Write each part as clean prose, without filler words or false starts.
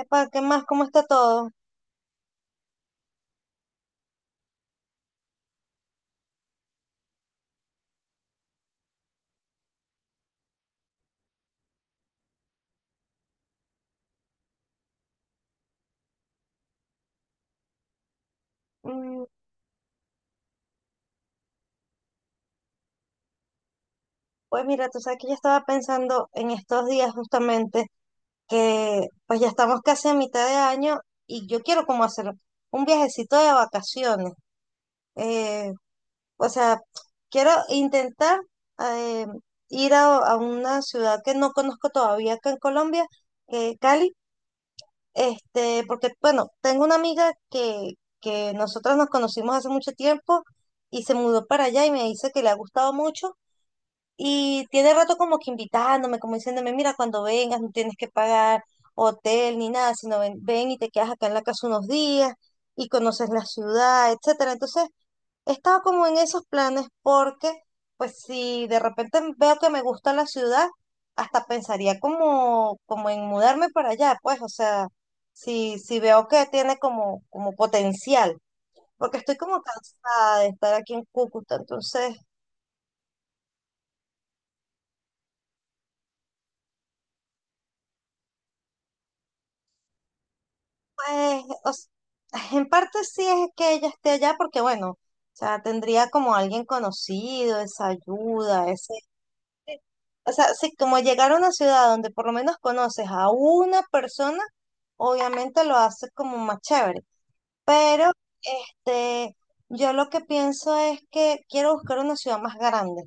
Epa, ¿qué más? ¿Cómo está todo? Mm, Pues mira, tú sabes que yo estaba pensando en estos días justamente que pues ya estamos casi a mitad de año y yo quiero como hacer un viajecito de vacaciones. Eh, o sea, quiero intentar eh, ir a una ciudad que no conozco todavía acá en Colombia, que es Cali, este, porque bueno, tengo una amiga que, nosotras nos conocimos hace mucho tiempo y se mudó para allá y me dice que le ha gustado mucho. Y tiene rato como que invitándome, como diciéndome, mira, cuando vengas no tienes que pagar hotel ni nada, sino ven, ven y te quedas acá en la casa unos días y conoces la ciudad, etcétera. Entonces, estaba como en esos planes porque, pues si de repente veo que me gusta la ciudad, hasta pensaría como, en mudarme para allá, pues, o sea, si veo que tiene como, potencial, porque estoy como cansada de estar aquí en Cúcuta, entonces... Pues, o s- en parte sí es que ella esté allá porque, bueno, o sea, tendría como alguien conocido, esa ayuda, ese... O sea, sí, como llegar a una ciudad donde por lo menos conoces a una persona, obviamente lo hace como más chévere. Pero, este, yo lo que pienso es que quiero buscar una ciudad más grande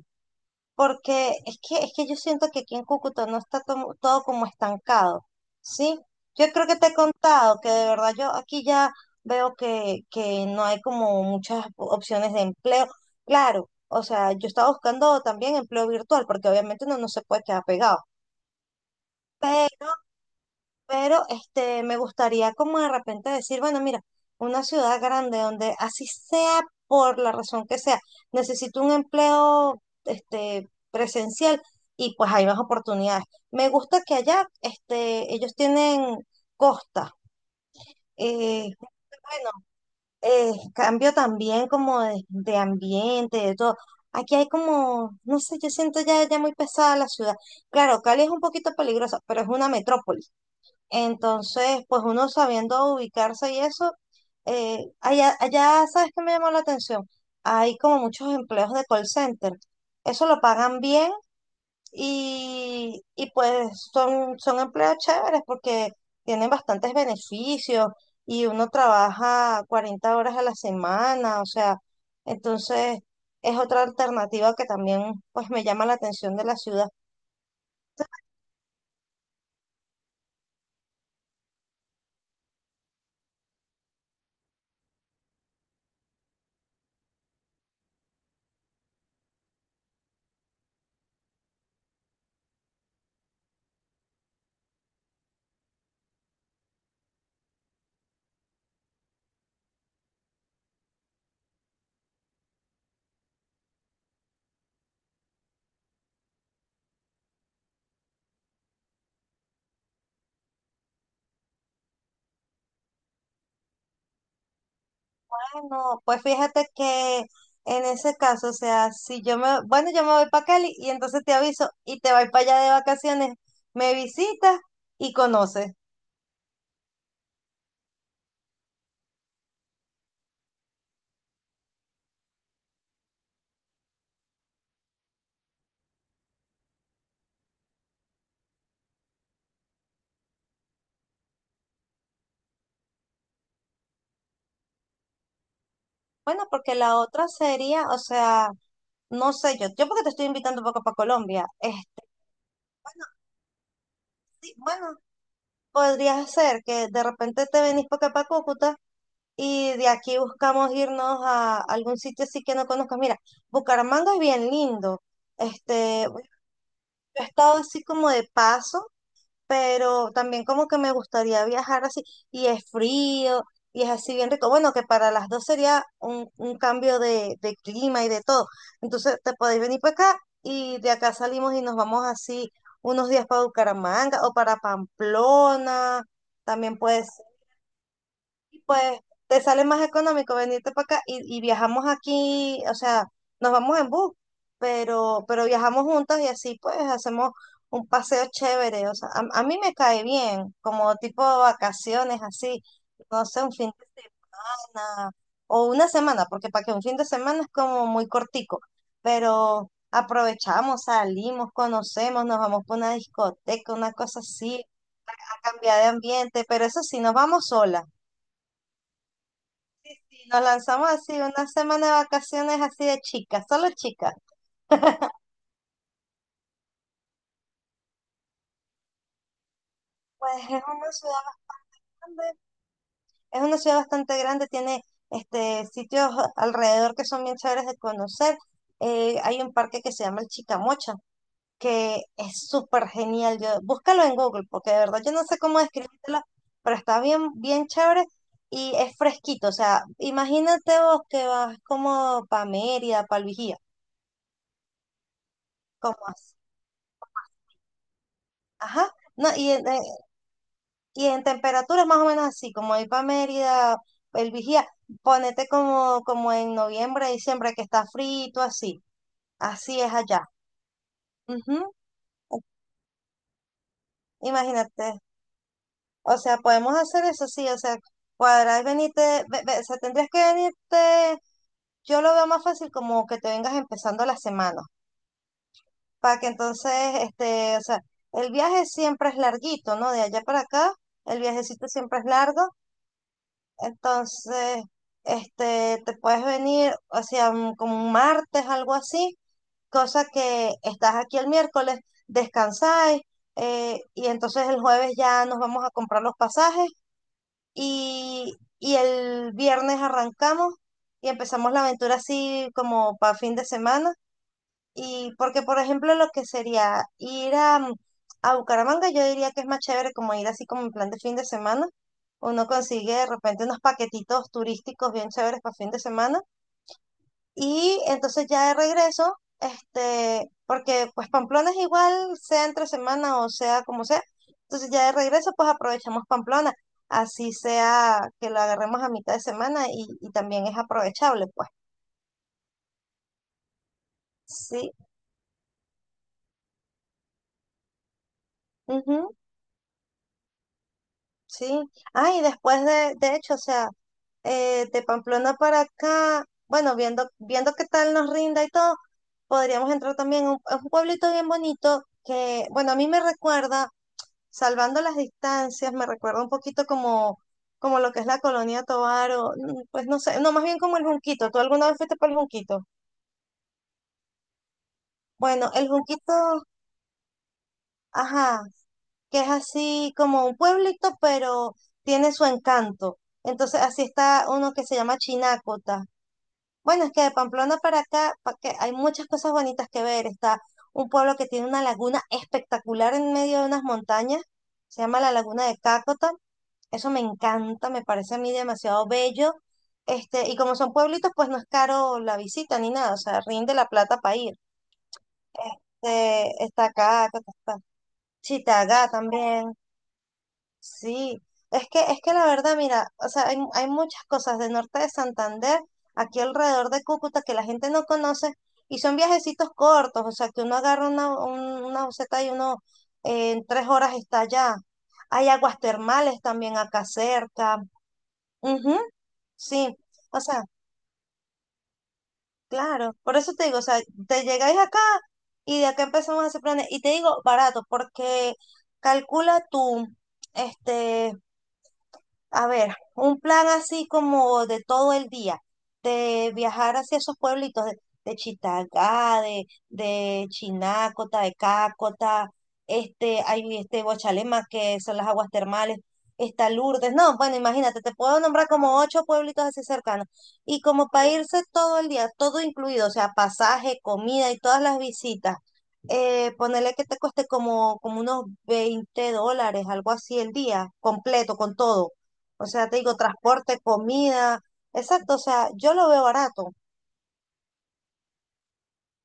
porque es que yo siento que aquí en Cúcuta no está todo como estancado, ¿sí? Yo creo que te he contado que de verdad yo aquí ya veo que, no hay como muchas opciones de empleo. Claro, o sea, yo estaba buscando también empleo virtual, porque obviamente uno no se puede quedar pegado. Pero este, me gustaría como de repente decir, bueno, mira, una ciudad grande donde así sea por la razón que sea, necesito un empleo este, presencial y pues hay más oportunidades. Me gusta que allá este, ellos tienen costa. Eh, bueno, cambio también como de, ambiente, de todo. Aquí hay como, no sé, yo siento ya, ya muy pesada la ciudad. Claro, Cali es un poquito peligrosa, pero es una metrópoli. Entonces, pues uno sabiendo ubicarse y eso, allá, ¿sabes qué me llamó la atención? Hay como muchos empleos de call center. Eso lo pagan bien y, pues son, empleos chéveres porque tienen bastantes beneficios y uno trabaja 40 horas a la semana, o sea, entonces es otra alternativa que también pues me llama la atención de la ciudad. No, pues fíjate que en ese caso, o sea, si yo me, bueno, yo me voy para Cali y entonces te aviso y te vas para allá de vacaciones, me visitas y conoces. Bueno, porque la otra sería, o sea, no sé yo, yo porque te estoy invitando un poco para Colombia, este, bueno, sí, bueno, podría ser que de repente te venís para acá para Cúcuta y de aquí buscamos irnos a algún sitio así que no conozcas. Mira, Bucaramanga es bien lindo, este, bueno, yo he estado así como de paso pero también como que me gustaría viajar así, y es frío, y es así bien rico. Bueno, que para las dos sería un, cambio de, clima y de todo. Entonces te podéis venir para acá y de acá salimos y nos vamos así unos días para Bucaramanga o para Pamplona. También puede y pues te sale más económico venirte para acá y, viajamos aquí, o sea, nos vamos en bus, pero, viajamos juntas y así pues hacemos un paseo chévere, o sea, a, mí me cae bien, como tipo de vacaciones así, no sé, un fin de semana o una semana, porque para que un fin de semana es como muy cortico, pero aprovechamos, salimos, conocemos, nos vamos para una discoteca, una cosa así, a cambiar de ambiente, pero eso sí, nos vamos solas. Sí, nos lanzamos así una semana de vacaciones así de chicas, solo chicas. Pues es una ciudad bastante, es una ciudad bastante grande, tiene este sitios alrededor que son bien chéveres de conocer. Hay un parque que se llama el Chicamocha, que es súper genial. Yo, búscalo en Google, porque de verdad yo no sé cómo describírtelo, pero está bien, bien chévere y es fresquito. O sea, imagínate vos que vas como para Mérida, para el Vigía, como así. Ajá. No, y en, Y en temperatura más o menos así, como ir para Mérida, el Vigía, ponete como, en noviembre, diciembre, que está frito, así. Así es allá. Ujú. Imagínate. O sea, podemos hacer eso, sí. O sea, cuadrar, venirte, o sea, tendrías que venirte, yo lo veo más fácil como que te vengas empezando la semana, para que entonces, este, o sea, el viaje siempre es larguito, ¿no? De allá para acá, el viajecito siempre es largo. Entonces, este, te puedes venir, o sea, como un martes, algo así, cosa que estás aquí el miércoles, descansáis, y entonces el jueves ya nos vamos a comprar los pasajes y, el viernes arrancamos y empezamos la aventura así como para fin de semana. Y porque, por ejemplo, lo que sería ir a, a Bucaramanga, yo diría que es más chévere como ir así como en plan de fin de semana. Uno consigue de repente unos paquetitos turísticos bien chéveres para fin de semana. Y entonces ya de regreso, este, porque pues Pamplona es igual, sea entre semana o sea como sea. Entonces ya de regreso, pues aprovechamos Pamplona. Así sea que lo agarremos a mitad de semana y, también es aprovechable, pues. Sí. Ujú. Sí, ah, y después de, hecho, o sea, de Pamplona para acá, bueno, viendo, viendo qué tal nos rinda y todo, podríamos entrar también a un, pueblito bien bonito que, bueno, a mí me recuerda, salvando las distancias, me recuerda un poquito como, como lo que es la Colonia Tovar o, pues no sé, no, más bien como el Junquito. ¿Tú alguna vez fuiste por el Junquito? Bueno, el Junquito, ajá, que es así como un pueblito, pero tiene su encanto. Entonces, así está uno que se llama Chinácota. Bueno, es que de Pamplona para acá, pa' que hay muchas cosas bonitas que ver. Está un pueblo que tiene una laguna espectacular en medio de unas montañas, se llama la Laguna de Cácota. Eso me encanta, me parece a mí demasiado bello. Este, y como son pueblitos, pues no es caro la visita ni nada, o sea, rinde la plata para ir. Este, está Cácota, está Chitagá también. Sí, es que la verdad, mira, o sea, hay, muchas cosas del norte de Santander, aquí alrededor de Cúcuta, que la gente no conoce, y son viajecitos cortos, o sea, que uno agarra una, una buseta y uno en 3 horas está allá. Hay aguas termales también acá cerca. Ujú, sí, o sea, claro, por eso te digo, o sea, te llegáis acá y de acá empezamos a hacer planes, y te digo barato, porque calcula tú, este... A ver, un plan así como de todo el día, de viajar hacia esos pueblitos de, Chitagá, de, Chinácota, de Cácota, este, hay este Guachalema, que son las aguas termales, está Lourdes, no, bueno, imagínate, te puedo nombrar como ocho pueblitos así cercanos, y como para irse todo el día, todo incluido, o sea, pasaje, comida y todas las visitas, ponerle que te cueste como, unos $20, algo así el día, completo, con todo. O sea, te digo, transporte, comida. Exacto, o sea, yo lo veo barato,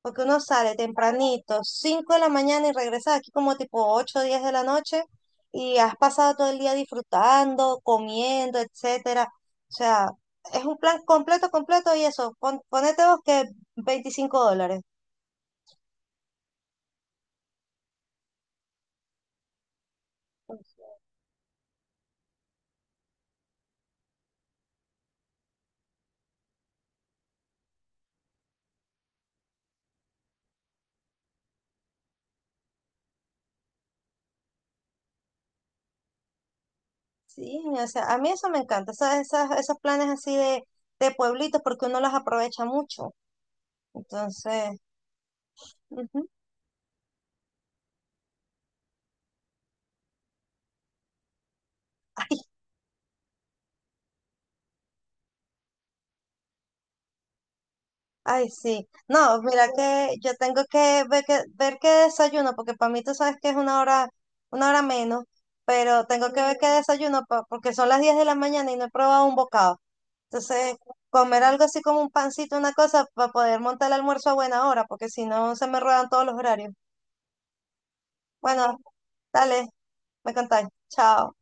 porque uno sale tempranito, 5 de la mañana y regresa aquí como tipo 8, o 10 de la noche y has pasado todo el día disfrutando, comiendo, etcétera. O sea, es un plan completo, completo y eso, ponete vos que $25. Sí, o sea, a mí eso me encanta, esas, esos planes así de pueblitos, porque uno los aprovecha mucho. Entonces, ujú. Ay, sí. No, mira que yo tengo que ver qué desayuno, porque para mí tú sabes que es una hora menos, pero tengo que ver qué desayuno, porque son las 10 de la mañana y no he probado un bocado. Entonces, comer algo así como un pancito, una cosa, para poder montar el almuerzo a buena hora, porque si no se me ruedan todos los horarios. Bueno, dale, me contáis. Chao.